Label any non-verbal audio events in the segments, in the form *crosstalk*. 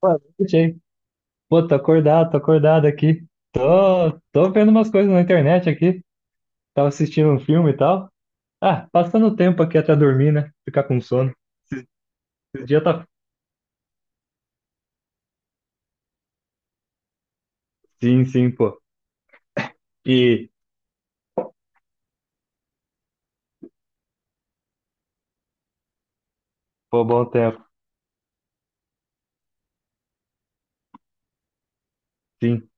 Boa noite, hein? Pô, tô acordado aqui. Tô vendo umas coisas na internet aqui. Tava assistindo um filme e tal. Ah, passando o tempo aqui até dormir, né? Ficar com sono. Esse, esse dia tá. Sim, sim, pô. E, pô, bom tempo. Sim.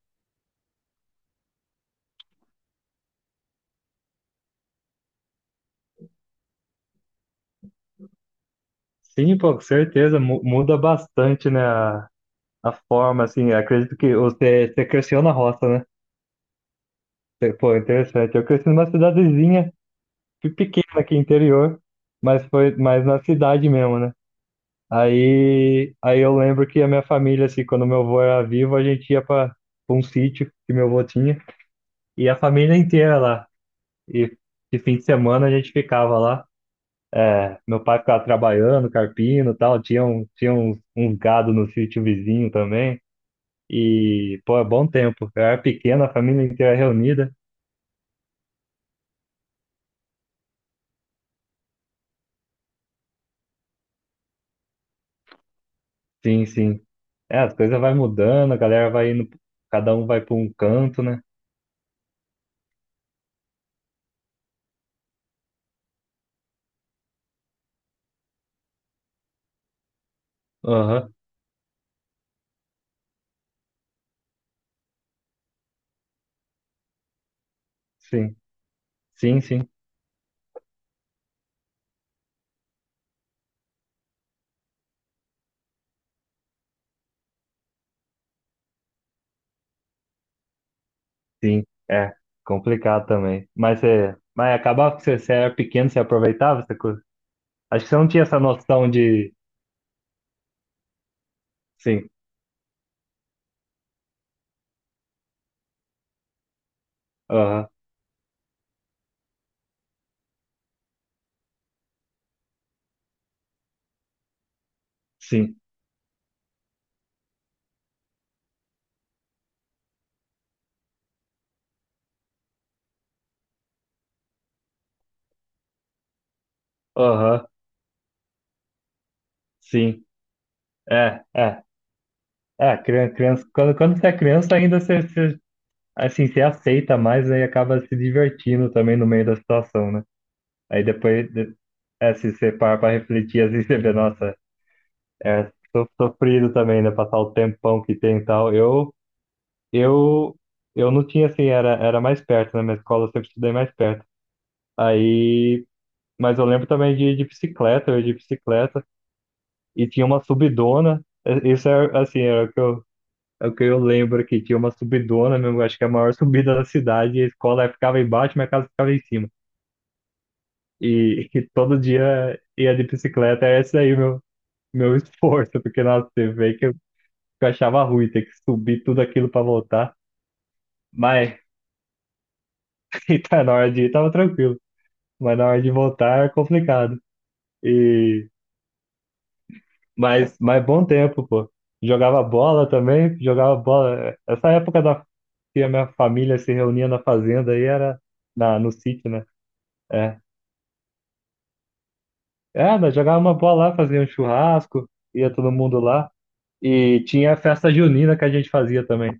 Sim, pô, com certeza. Muda bastante, né? A forma, assim. Acredito que você cresceu na roça, né? Pô, interessante. Eu cresci numa cidadezinha pequena aqui, interior. Mas foi mais na cidade mesmo, né? Aí eu lembro que a minha família, assim, quando meu avô era vivo, a gente ia para um sítio que meu avô tinha, e a família inteira lá. E de fim de semana a gente ficava lá. É, meu pai ficava trabalhando, carpino e tal, tinha uns gado no sítio vizinho também. E, pô, é bom tempo. Eu era pequena, a família inteira reunida. Sim, sim. É, as coisas vai mudando, a galera vai indo, cada um vai para um canto, né? Aham. Sim. Sim, sim. Sim, é complicado também. Mas acabava que você era pequeno, você aproveitava essa coisa. Acho que você não tinha essa noção de... Sim. Aham. Sim. Aham. Sim. É, é, é, criança, criança, quando você é criança ainda você, assim, você aceita mais, aí acaba se divertindo também no meio da situação, né? Aí depois, se você parar pra refletir, assim, você vê, nossa, é sofrido também, né? Passar o tempão que tem e tal. Eu, eu não tinha assim, era mais perto, né? Na minha escola eu sempre estudei mais perto. Aí, mas eu lembro também de bicicleta, eu ia de bicicleta, e tinha uma subidona, isso é assim, era o que eu, é o que eu lembro aqui, tinha uma subidona mesmo, acho que é a maior subida da cidade, e a escola ficava embaixo, minha casa ficava em cima. E, *laughs* e todo dia ia de bicicleta, é esse aí meu esforço, porque nossa, você vê que eu achava ruim ter que subir tudo aquilo para voltar, mas *laughs* tá na hora de ir, tava tranquilo. Mas na hora de voltar é complicado. E mas bom tempo, pô. Jogava bola também, jogava bola. Essa época da que a minha família se reunia na fazenda aí era na no sítio, né? É. É, nós jogava uma bola lá, fazia um churrasco, ia todo mundo lá e tinha a festa junina que a gente fazia também.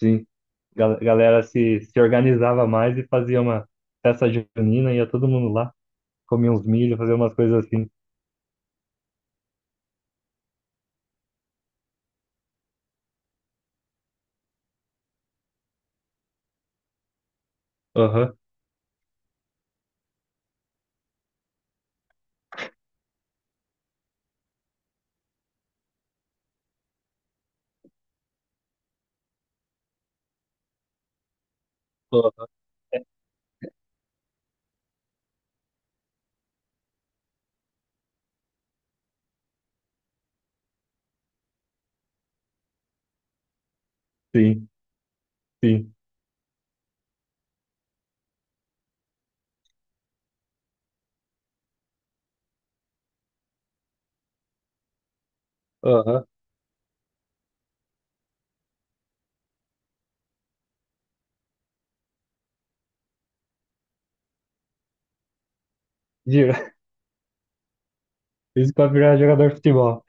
Sim. Galera se organizava mais e fazia uma festa junina, ia todo mundo lá, comia uns milho, fazia umas coisas assim. Aham. Aham. Sim, sim. Aham. Digo, isso pra virar jogador de futebol.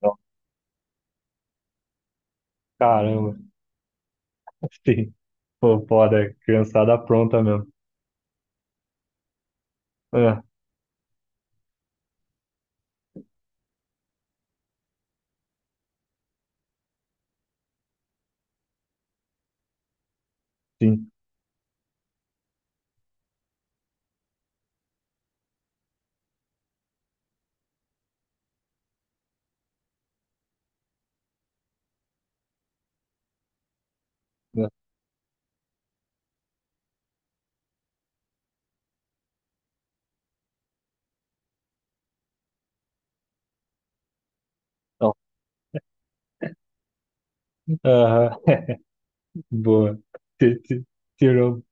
Não. Caramba. Sim. Pô, foda. Criançada pronta mesmo. Ah, sim. Não. Aham. *laughs* Boa. Ti- ti- Tirou,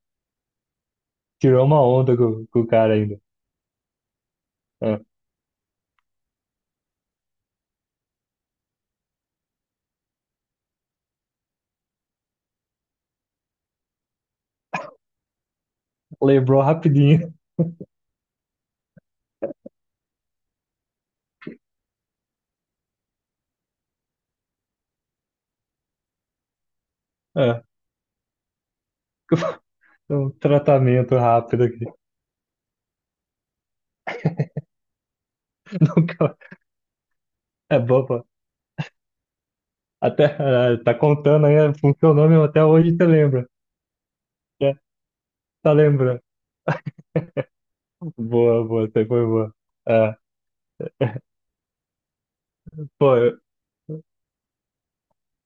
tirou uma onda com o cara ainda. Ah, lembrou rapidinho. Ah, um tratamento rápido aqui. *laughs* Nunca- É bom, pô. Até, tá contando aí, funcionou mesmo. Até hoje você lembra, né? Tá lembrando. Boa, boa. Você foi boa. Ah, pô,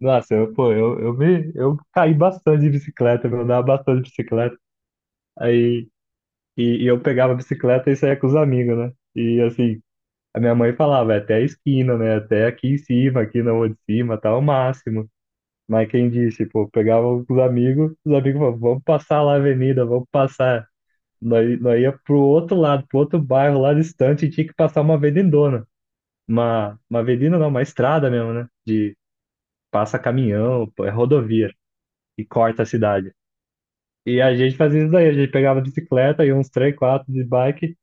nossa, pô, eu caí bastante de bicicleta, eu andava bastante de bicicleta. Aí, e eu pegava a bicicleta e saía com os amigos, né? E assim, a minha mãe falava, "É até a esquina, né? Até aqui em cima, aqui na rua de cima, tá o máximo." Mas quem disse, pô, eu pegava com os amigos falavam, vamos passar lá a avenida, vamos passar. Nós ia pro outro lado, pro outro bairro lá distante, e tinha que passar uma avenidona. Uma avenida não, uma estrada mesmo, né? De passa caminhão, pô, é rodovia e corta a cidade. E a gente fazia isso daí, a gente pegava bicicleta e uns três, quatro de bike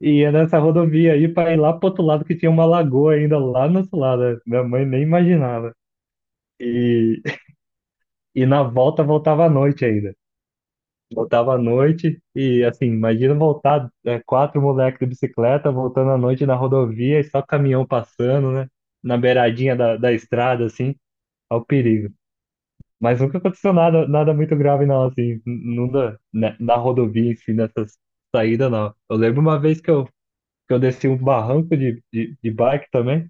e ia nessa rodovia aí para ir lá pro outro lado que tinha uma lagoa ainda lá no outro lado. Né? Minha mãe nem imaginava. E, *laughs* e na volta voltava à noite ainda. Voltava à noite e assim, imagina voltar quatro moleques de bicicleta voltando à noite na rodovia e só caminhão passando, né? Na beiradinha da estrada, assim, ao perigo. Mas nunca aconteceu nada, nada muito grave, não, assim, não na rodovia, assim, nessas saídas, não. Eu lembro uma vez que eu desci um barranco de bike também,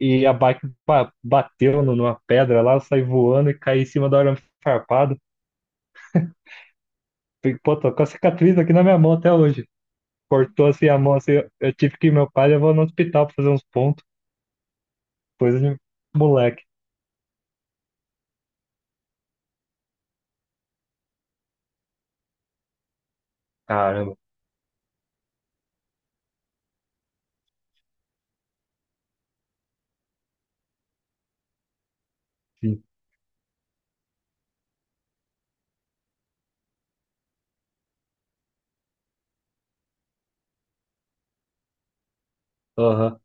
e a bike bateu numa pedra lá, eu saí voando e caí em cima do arame farpado. Pô, tô com a cicatriz aqui na minha mão até hoje. Cortou assim a mão, assim, eu tive que ir meu pai levou no hospital pra fazer uns pontos, coisa de moleque. Caramba. Sim. Aham.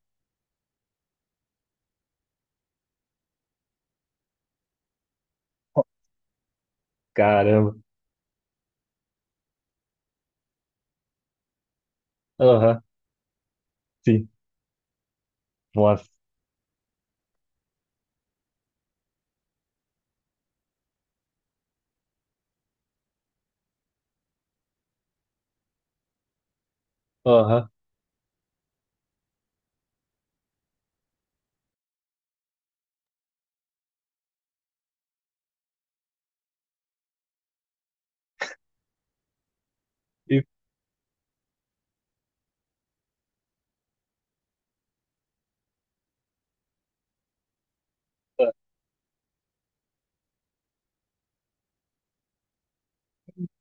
Caramba. Aham. Sim. Nossa. Aham. E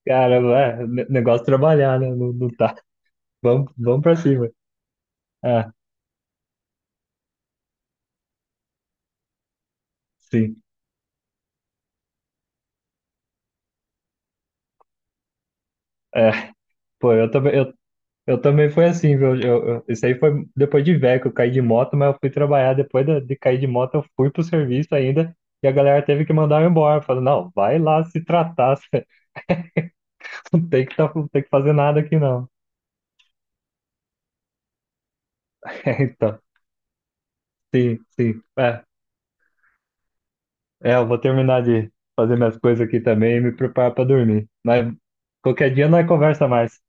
Caramba, negócio trabalhar, né? Não, não tá. Vamos, vamos pra cima. Ah, sim. É, pô, eu também foi assim, viu? Isso aí foi depois de velho que eu caí de moto, mas eu fui trabalhar. Depois de cair de moto, eu fui pro serviço ainda e a galera teve que mandar eu embora. Falando, não, vai lá se tratar, *laughs* você não tem que fazer nada aqui, não. *laughs* É, então, sim, sim. Eu vou terminar de fazer minhas coisas aqui também e me preparar pra dormir. Mas qualquer dia nós conversa mais,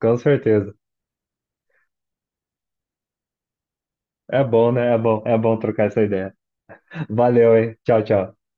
com certeza. É bom, né? É bom trocar essa ideia. Valeu, hein? Tchau, tchau.